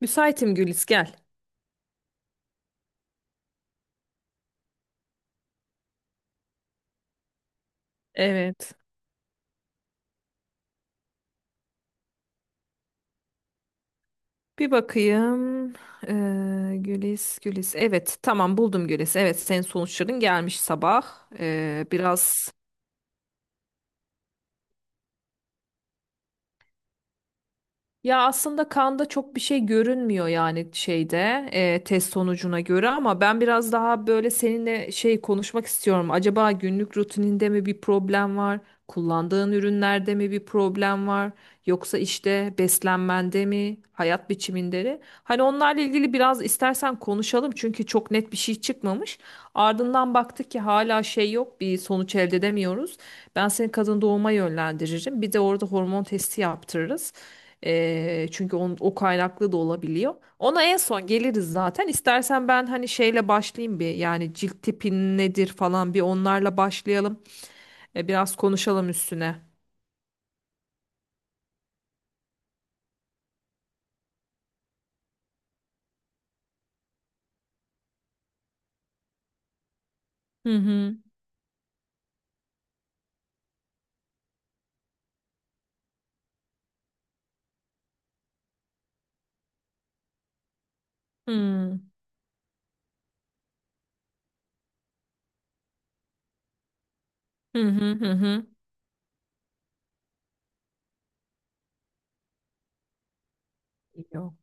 Müsaitim Gülis gel. Evet. Bir bakayım. Gülis, Evet, tamam buldum Gülis. Evet, senin sonuçların gelmiş sabah. Biraz ya aslında kanda çok bir şey görünmüyor yani şeyde test sonucuna göre ama ben biraz daha böyle seninle şey konuşmak istiyorum. Acaba günlük rutininde mi bir problem var? Kullandığın ürünlerde mi bir problem var? Yoksa işte beslenmende mi, hayat biçiminde mi? Hani onlarla ilgili biraz istersen konuşalım çünkü çok net bir şey çıkmamış. Ardından baktık ki hala şey yok, bir sonuç elde edemiyoruz. Ben seni kadın doğuma yönlendiririm. Bir de orada hormon testi yaptırırız. Çünkü o kaynaklı da olabiliyor. Ona en son geliriz zaten. İstersen ben hani şeyle başlayayım bir yani cilt tipin nedir falan bir onlarla başlayalım. Biraz konuşalım üstüne. Hı hı. Hı. Hı hı hı hı. Yok.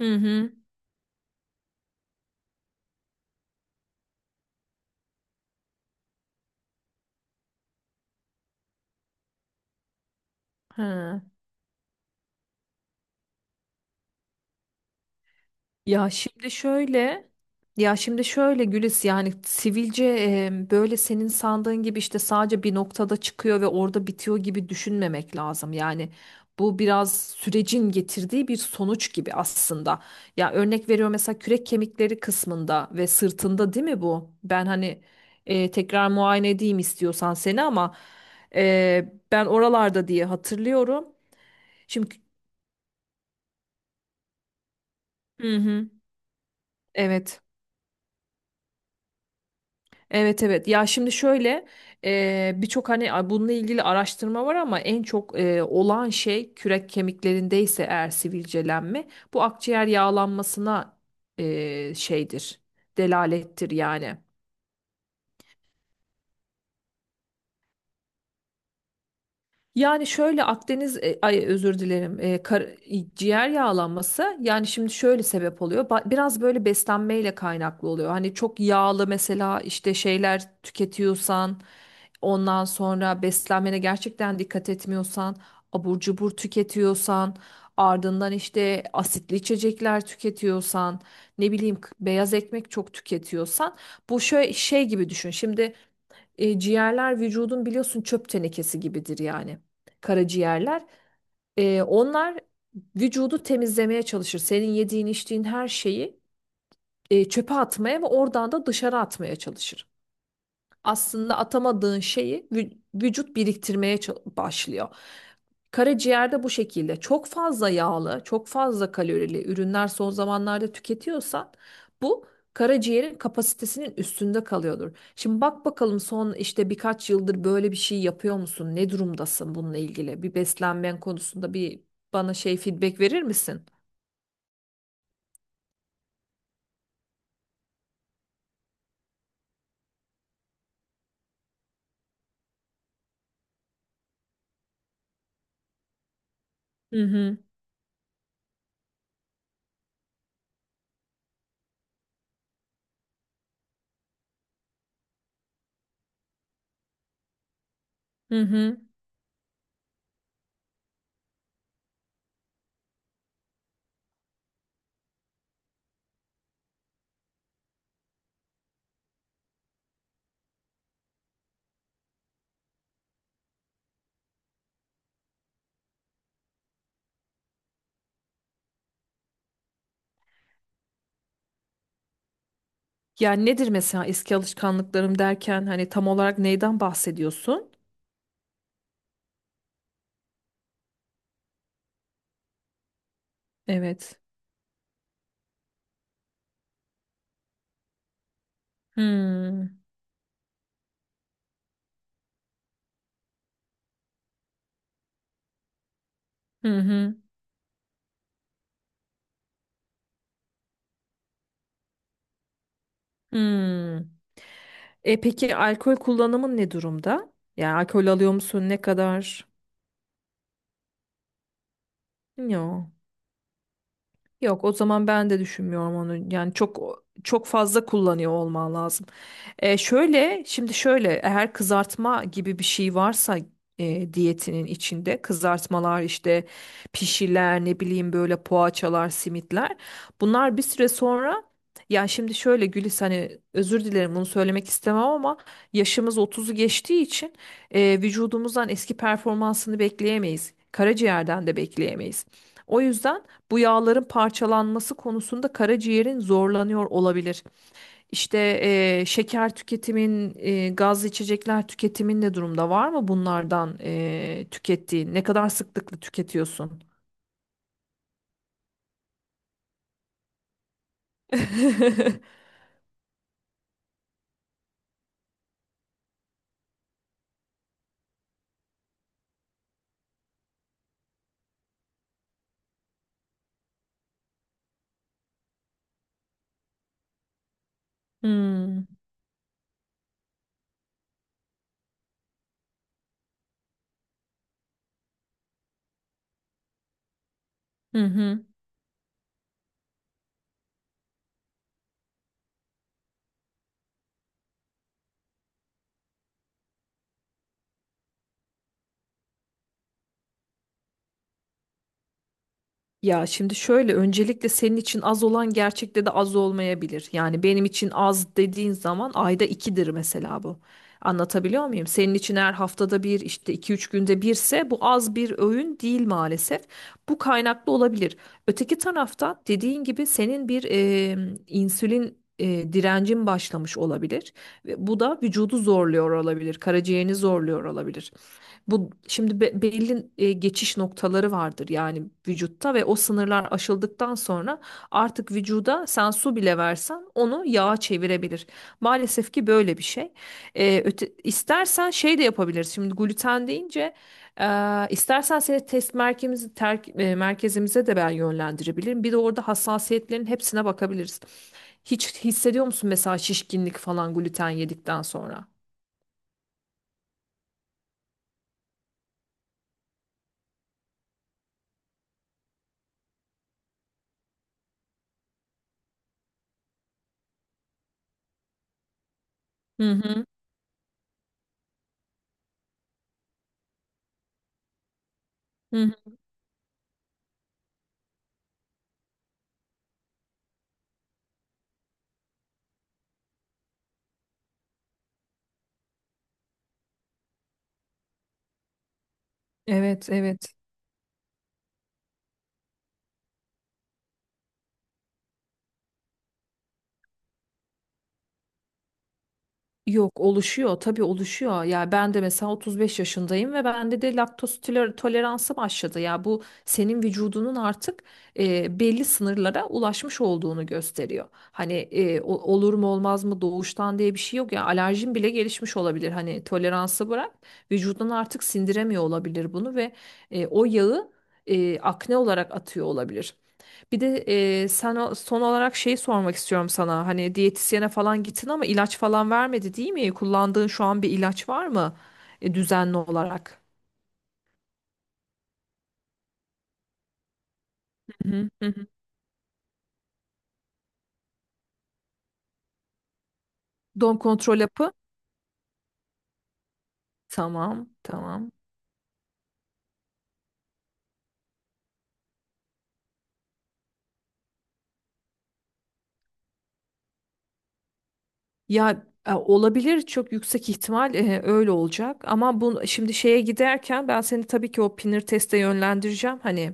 Hı hı. Ha. Ya şimdi şöyle ya şimdi şöyle Gülis yani sivilce böyle senin sandığın gibi işte sadece bir noktada çıkıyor ve orada bitiyor gibi düşünmemek lazım. Yani bu biraz sürecin getirdiği bir sonuç gibi aslında. Ya örnek veriyorum mesela kürek kemikleri kısmında ve sırtında değil mi bu? Ben hani tekrar muayene edeyim istiyorsan seni ama ben oralarda diye hatırlıyorum. Şimdi hı hı. Evet. Evet evet. Ya şimdi şöyle birçok hani bununla ilgili araştırma var ama en çok olan şey kürek kemiklerindeyse eğer sivilcelenme bu akciğer yağlanmasına şeydir. Delalettir yani. Yani şöyle Akdeniz ay özür dilerim ciğer yağlanması yani şimdi şöyle sebep oluyor biraz böyle beslenmeyle kaynaklı oluyor hani çok yağlı mesela işte şeyler tüketiyorsan ondan sonra beslenmene gerçekten dikkat etmiyorsan abur cubur tüketiyorsan ardından işte asitli içecekler tüketiyorsan ne bileyim beyaz ekmek çok tüketiyorsan bu şöyle şey gibi düşün şimdi ciğerler vücudun biliyorsun çöp tenekesi gibidir yani. Karaciğerler. Onlar vücudu temizlemeye çalışır. Senin yediğin içtiğin her şeyi çöpe atmaya ve oradan da dışarı atmaya çalışır aslında atamadığın şeyi vücut biriktirmeye başlıyor. Karaciğerde bu şekilde çok fazla yağlı, çok fazla kalorili ürünler son zamanlarda tüketiyorsan bu karaciğerin kapasitesinin üstünde kalıyordur. Şimdi bak bakalım son işte birkaç yıldır böyle bir şey yapıyor musun? Ne durumdasın bununla ilgili? Bir beslenmen konusunda bir bana şey feedback verir misin? Hı hı. Hı hı. Yani nedir mesela eski alışkanlıklarım derken hani tam olarak neyden bahsediyorsun? Evet. Hmm. Hı hı. Hmm. E peki alkol kullanımın ne durumda? Yani alkol alıyor musun? Ne kadar? Yo. Yok o zaman ben de düşünmüyorum onu. Yani çok fazla kullanıyor olman lazım. Şöyle şimdi şöyle eğer kızartma gibi bir şey varsa diyetinin içinde kızartmalar işte pişiler ne bileyim böyle poğaçalar simitler bunlar bir süre sonra ya şimdi şöyle Gülis hani özür dilerim bunu söylemek istemem ama yaşımız otuzu geçtiği için vücudumuzdan eski performansını bekleyemeyiz. Karaciğerden de bekleyemeyiz. O yüzden bu yağların parçalanması konusunda karaciğerin zorlanıyor olabilir. İşte şeker tüketimin, gazlı içecekler tüketimin ne durumda? Var mı bunlardan tükettiğin? Ne kadar sıklıkla tüketiyorsun? Hmm. Hı hı. Ya şimdi şöyle öncelikle senin için az olan gerçekte de az olmayabilir. Yani benim için az dediğin zaman ayda ikidir mesela bu. Anlatabiliyor muyum? Senin için eğer haftada bir işte iki üç günde birse bu az bir öğün değil maalesef. Bu kaynaklı olabilir. Öteki tarafta dediğin gibi senin bir insülin direncin başlamış olabilir. Ve bu da vücudu zorluyor olabilir. Karaciğerini zorluyor olabilir. Bu şimdi belli geçiş noktaları vardır yani vücutta ve o sınırlar aşıldıktan sonra artık vücuda sen su bile versen onu yağa çevirebilir. Maalesef ki böyle bir şey. İstersen şey de yapabiliriz. Şimdi gluten deyince istersen seni test merkezimize de ben yönlendirebilirim. Bir de orada hassasiyetlerin hepsine bakabiliriz. Hiç hissediyor musun mesela şişkinlik falan gluten yedikten sonra? Hı hı. Hı hı. Evet, evet. Yok oluşuyor tabii oluşuyor. Ya ben de mesela 35 yaşındayım ve bende de toleransı başladı. Ya bu senin vücudunun artık belli sınırlara ulaşmış olduğunu gösteriyor. Hani olur mu olmaz mı doğuştan diye bir şey yok ya alerjin bile gelişmiş olabilir. Hani toleransı bırak vücudun artık sindiremiyor olabilir bunu ve o yağı akne olarak atıyor olabilir. Bir de son olarak şeyi sormak istiyorum sana. Hani diyetisyene falan gittin ama ilaç falan vermedi değil mi? Kullandığın şu an bir ilaç var mı? Düzenli olarak. Hı hı, hı hı. Doğum kontrol yapı. Tamam, tamam. Ya olabilir çok yüksek ihtimal öyle olacak ama bu şimdi şeye giderken ben seni tabii ki o pinir teste yönlendireceğim. Hani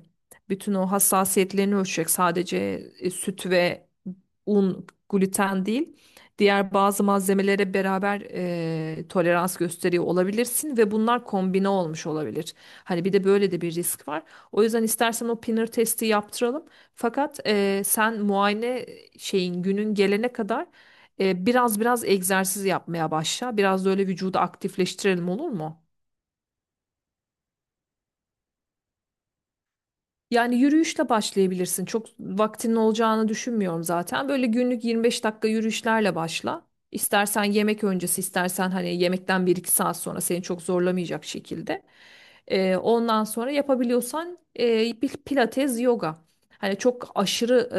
bütün o hassasiyetlerini ölçecek sadece süt ve un gluten değil. Diğer bazı malzemelere beraber tolerans gösteriyor olabilirsin ve bunlar kombine olmuş olabilir. Hani bir de böyle de bir risk var. O yüzden istersen o pinir testi yaptıralım. Fakat sen muayene şeyin günün gelene kadar biraz egzersiz yapmaya başla. Biraz da öyle vücudu aktifleştirelim olur mu? Yani yürüyüşle başlayabilirsin. Çok vaktinin olacağını düşünmüyorum zaten. Böyle günlük 25 dakika yürüyüşlerle başla. İstersen yemek öncesi, istersen hani yemekten bir iki saat sonra seni çok zorlamayacak şekilde. Ondan sonra yapabiliyorsan bir pilates, yoga. Hani çok aşırı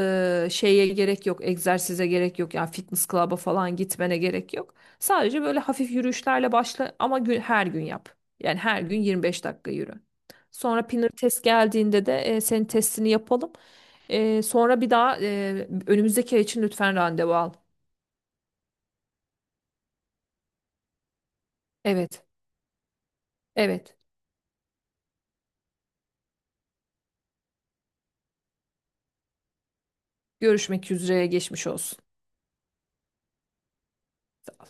e, şeye gerek yok, egzersize gerek yok. Yani fitness club'a falan gitmene gerek yok. Sadece böyle hafif yürüyüşlerle başla ama her gün yap. Yani her gün 25 dakika yürü. Sonra pinner test geldiğinde de senin testini yapalım. Sonra bir daha önümüzdeki ay için lütfen randevu al. Evet, evet. Görüşmek üzere, geçmiş olsun. Sağ ol.